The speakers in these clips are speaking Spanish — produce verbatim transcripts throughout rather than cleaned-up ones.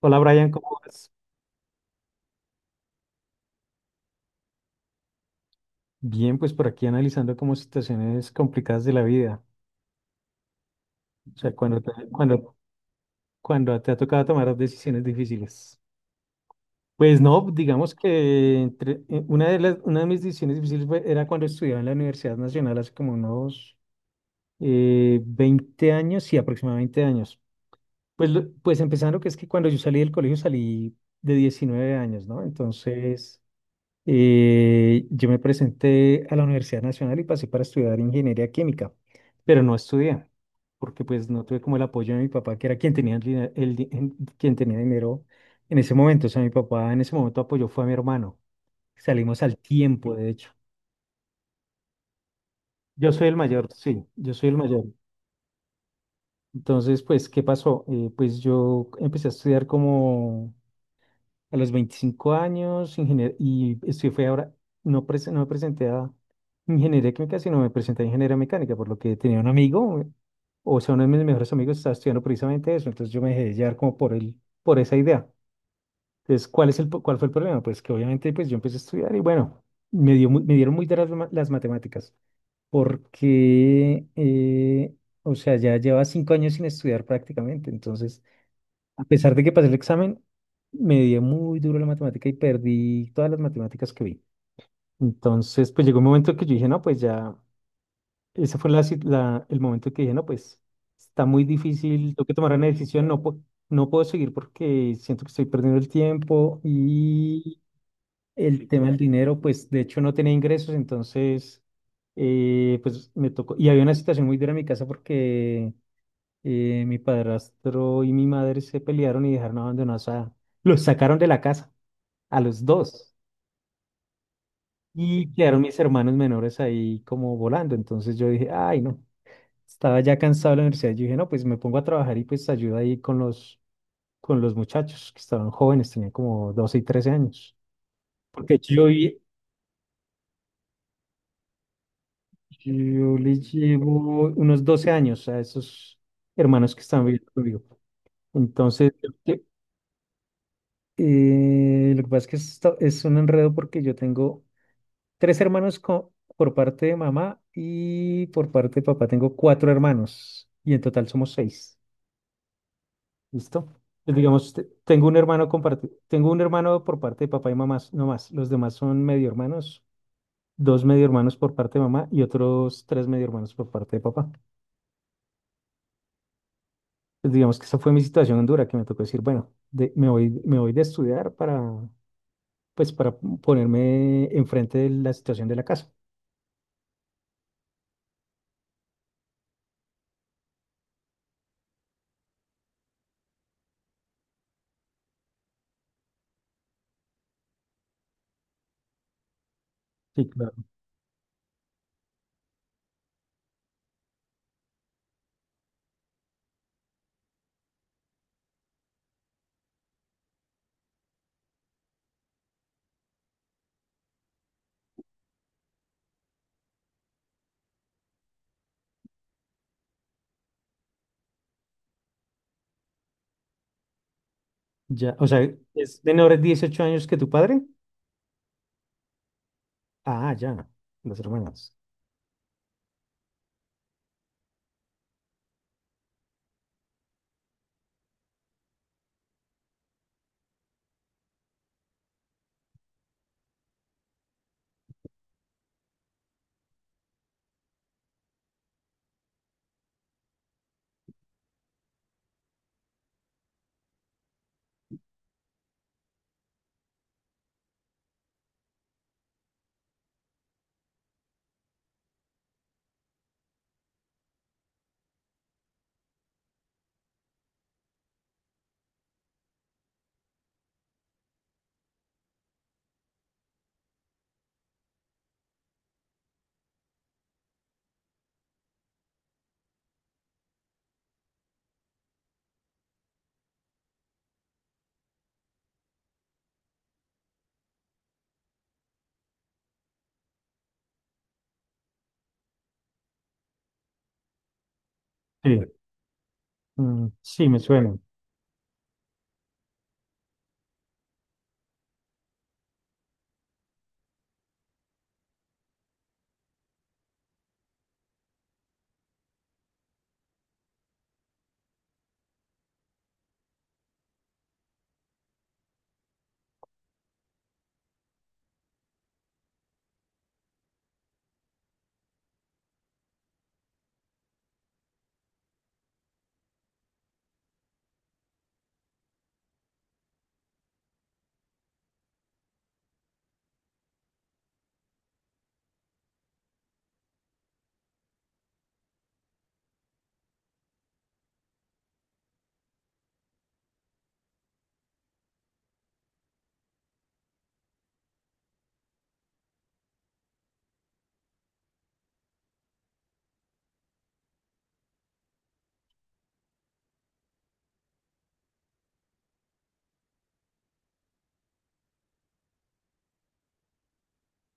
Hola Brian, ¿cómo vas? Bien, pues por aquí analizando como situaciones complicadas de la vida, o sea, cuando te, cuando, cuando te ha tocado tomar decisiones difíciles. Pues no, digamos que entre, eh, una de las, una de mis decisiones difíciles fue- era cuando estudiaba en la Universidad Nacional hace como unos eh, veinte años, sí, aproximadamente veinte años. Pues, lo- pues empezando que es que cuando yo salí del colegio salí de diecinueve años, ¿no? Entonces… Eh, yo me presenté a la Universidad Nacional y pasé para estudiar ingeniería química, pero no estudié, porque pues no tuve como el apoyo de mi papá, que era quien tenía el, dina- el di- en- quien tenía dinero en ese momento. O sea, mi papá en ese momento apoyó fue a mi hermano. Salimos al tiempo, de hecho. Yo soy el mayor, sí, yo soy el mayor. Entonces, pues, ¿qué pasó? Eh, pues yo empecé a estudiar como a los veinticinco años, ingenier y estoy, fue ahora, no, prese- no me presenté a ingeniería química, sino me presenté a ingeniería mecánica, por lo que tenía un amigo, o sea, uno de mis mejores amigos estaba estudiando precisamente eso, entonces yo me dejé llevar como por el, por esa idea. Entonces, ¿cuál es el, po- ¿cuál fue el problema? Pues que obviamente pues yo empecé a estudiar y bueno, me dio, mu- me dieron muy duras las, ma- las matemáticas, porque, eh, o sea, ya llevaba cinco años sin estudiar prácticamente, entonces a pesar de que pasé el examen, me dio muy duro la matemática y perdí todas las matemáticas que vi. Entonces, pues llegó un momento que yo dije, no, pues ya, ese fue la, sit- la- el momento que dije, no, pues está muy difícil, tengo que tomar una decisión, no, pu- no puedo seguir porque siento que estoy perdiendo el tiempo y el tema del dinero, pues de hecho no tenía ingresos, entonces, eh, pues me tocó, y había una situación muy dura en mi casa porque eh, mi padrastro y mi madre se pelearon y dejaron abandonados a… Los sacaron de la casa, a los dos. Y quedaron mis hermanos menores ahí como volando. Entonces yo dije, ay, no, estaba ya cansado de la universidad. Yo dije, no, pues me pongo a trabajar y pues ayudo ahí con los, con los muchachos que estaban jóvenes, tenían como doce y trece años. Porque yo, y- yo les llevo unos doce años a esos hermanos que están viviendo conmigo. Entonces, Eh, lo que pasa es que esto es un enredo porque yo tengo tres hermanos co- por parte de mamá y por parte de papá tengo cuatro hermanos y en total somos seis. ¿Listo? Pues digamos, te- tengo un hermano comparti- tengo un hermano por parte de papá y mamá, s- no más. Los demás son medio hermanos, dos medio hermanos por parte de mamá y otros tres medio hermanos por parte de papá. Pues digamos que esa fue mi situación en dura, que me tocó decir, bueno, de- me voy, me voy de estudiar para, pues, para ponerme enfrente de la situación de la casa. Sí, claro. Ya, o sea, ¿es menor de dieciocho años que tu padre? Ah, ya, las hermanas. Sí, mm, sí, me suena.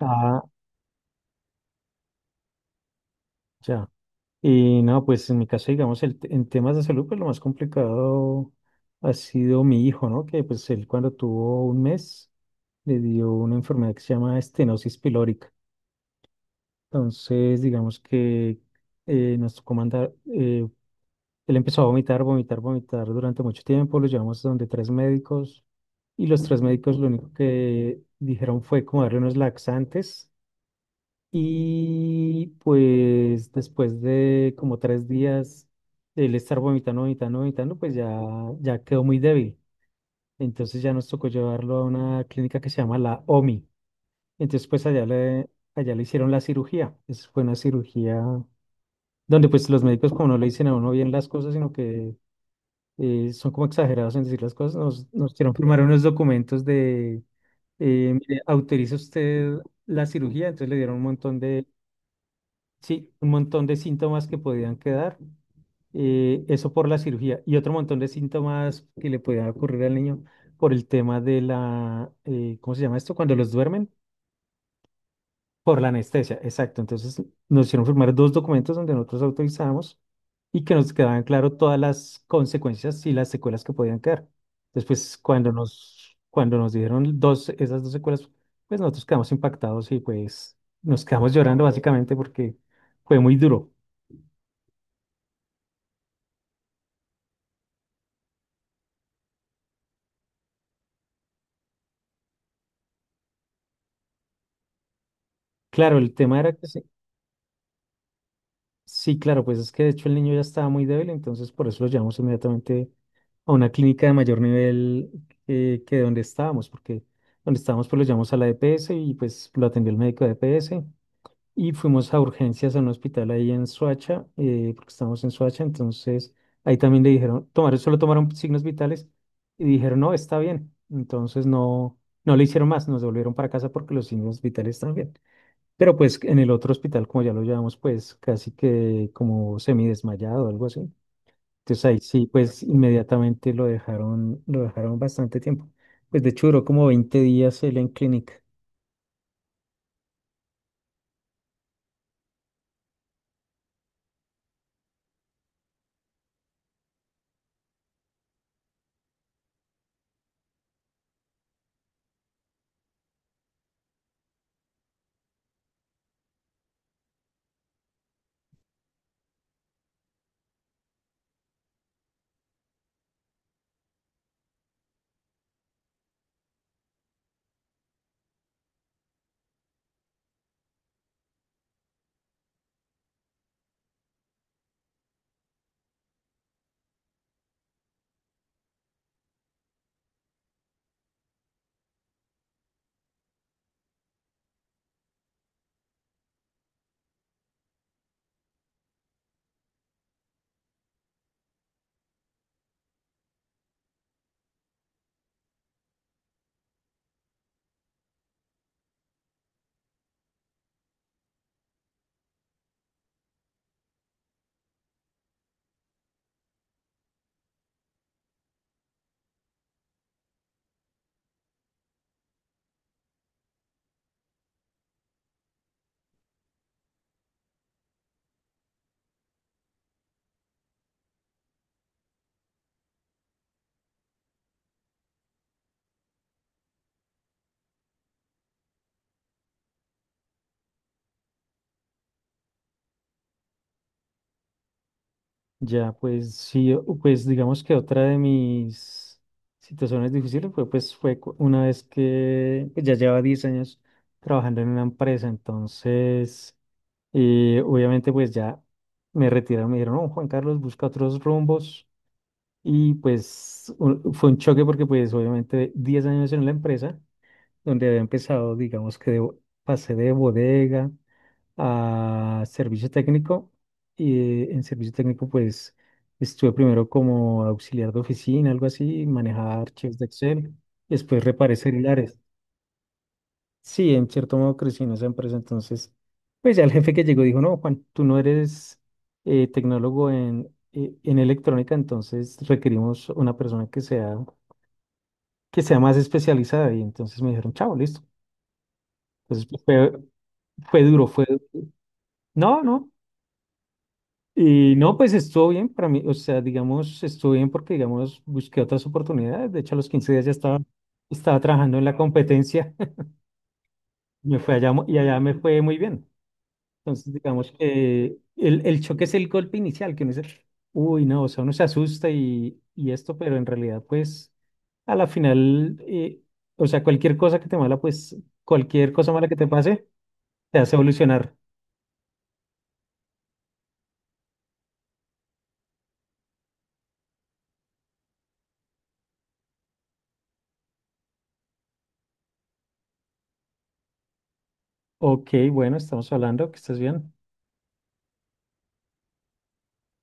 Ah, ya. Y no, pues en mi caso, digamos, el te- en temas de salud, pues lo más complicado ha sido mi hijo, ¿no? Que pues él cuando tuvo un mes le dio una enfermedad que se llama estenosis pilórica. Entonces, digamos que eh, nos tocó mandar eh, él empezó a vomitar, vomitar, vomitar durante mucho tiempo. Lo llevamos a donde tres médicos y los tres médicos lo único que dijeron fue como darle unos laxantes. Y pues después de como tres días de él estar vomitando, vomitando, vomitando, pues ya, ya quedó muy débil. Entonces ya nos tocó llevarlo a una clínica que se llama la O M I. Entonces pues allá le, allá le hicieron la cirugía. Esa fue una cirugía donde pues los médicos como no le dicen a uno bien las cosas, sino que eh, son como exagerados en decir las cosas, nos, nos quieren firmar unos documentos de, eh, mire, autoriza usted la cirugía, entonces le dieron un montón de, sí, un montón de síntomas que podían quedar, eh, eso por la cirugía, y otro montón de síntomas que le podían ocurrir al niño por el tema de la, eh, ¿cómo se llama esto? Cuando los duermen. Por la anestesia, exacto. Entonces nos hicieron firmar dos documentos donde nosotros autorizamos y que nos quedaban claro todas las consecuencias y las secuelas que podían quedar. Después, cuando nos, cuando nos dieron dos, esas dos secuelas, pues nosotros quedamos impactados y pues nos quedamos llorando básicamente porque fue muy duro. Claro, el tema era que se- sí, claro, pues es que de hecho el niño ya estaba muy débil, entonces por eso lo llevamos inmediatamente a una clínica de mayor nivel eh, que donde estábamos, porque donde estábamos pues lo llevamos a la E P S y pues lo atendió el médico de E P S y fuimos a urgencias a un hospital ahí en Soacha, eh, porque estábamos en Soacha, entonces ahí también le dijeron, tomaron, solo tomaron signos vitales y dijeron, no, está bien, entonces no, no le hicieron más, nos devolvieron para casa porque los signos vitales están bien. Pero pues en el otro hospital, como ya lo llevamos, pues casi que como semidesmayado o algo así. Entonces ahí sí, pues inmediatamente lo dejaron, lo dejaron bastante tiempo. Pues de hecho duró como veinte días él en clínica. Ya pues sí, o- pues digamos que otra de mis situaciones difíciles fue pues fue cu- una vez que pues, ya llevaba diez años trabajando en una empresa. Entonces, eh, obviamente pues ya me retiraron, me dijeron, no, Juan Carlos, busca otros rumbos. Y pues u- fue un choque porque pues obviamente diez años en la empresa, donde había empezado, digamos que de bo- pasé de bodega a servicio técnico y en servicio técnico pues estuve primero como auxiliar de oficina, algo así, manejaba archivos de Excel, después reparé celulares. Sí, en cierto modo crecí en esa empresa, entonces pues ya el jefe que llegó dijo, no, Juan, tú no eres eh, tecnólogo en, eh, en electrónica, entonces requerimos una persona que sea que sea más especializada. Y entonces me dijeron, chao, listo. Entonces pues, fue, fue duro, fue duro. No, no. Y no, pues estuvo bien para mí. O sea, digamos, estuvo bien porque, digamos, busqué otras oportunidades. De hecho, a los quince días ya estaba, estaba trabajando en la competencia. Me fue allá mu- y allá me fue muy bien. Entonces, digamos que el, el choque es el golpe inicial, que uno dice, uy, no, o sea, uno se asusta y, y esto, pero en realidad, pues, a la final, eh, o sea, cualquier cosa que te mala, pues, cualquier cosa mala que te pase, te hace evolucionar. Ok, bueno, estamos hablando, que estés bien.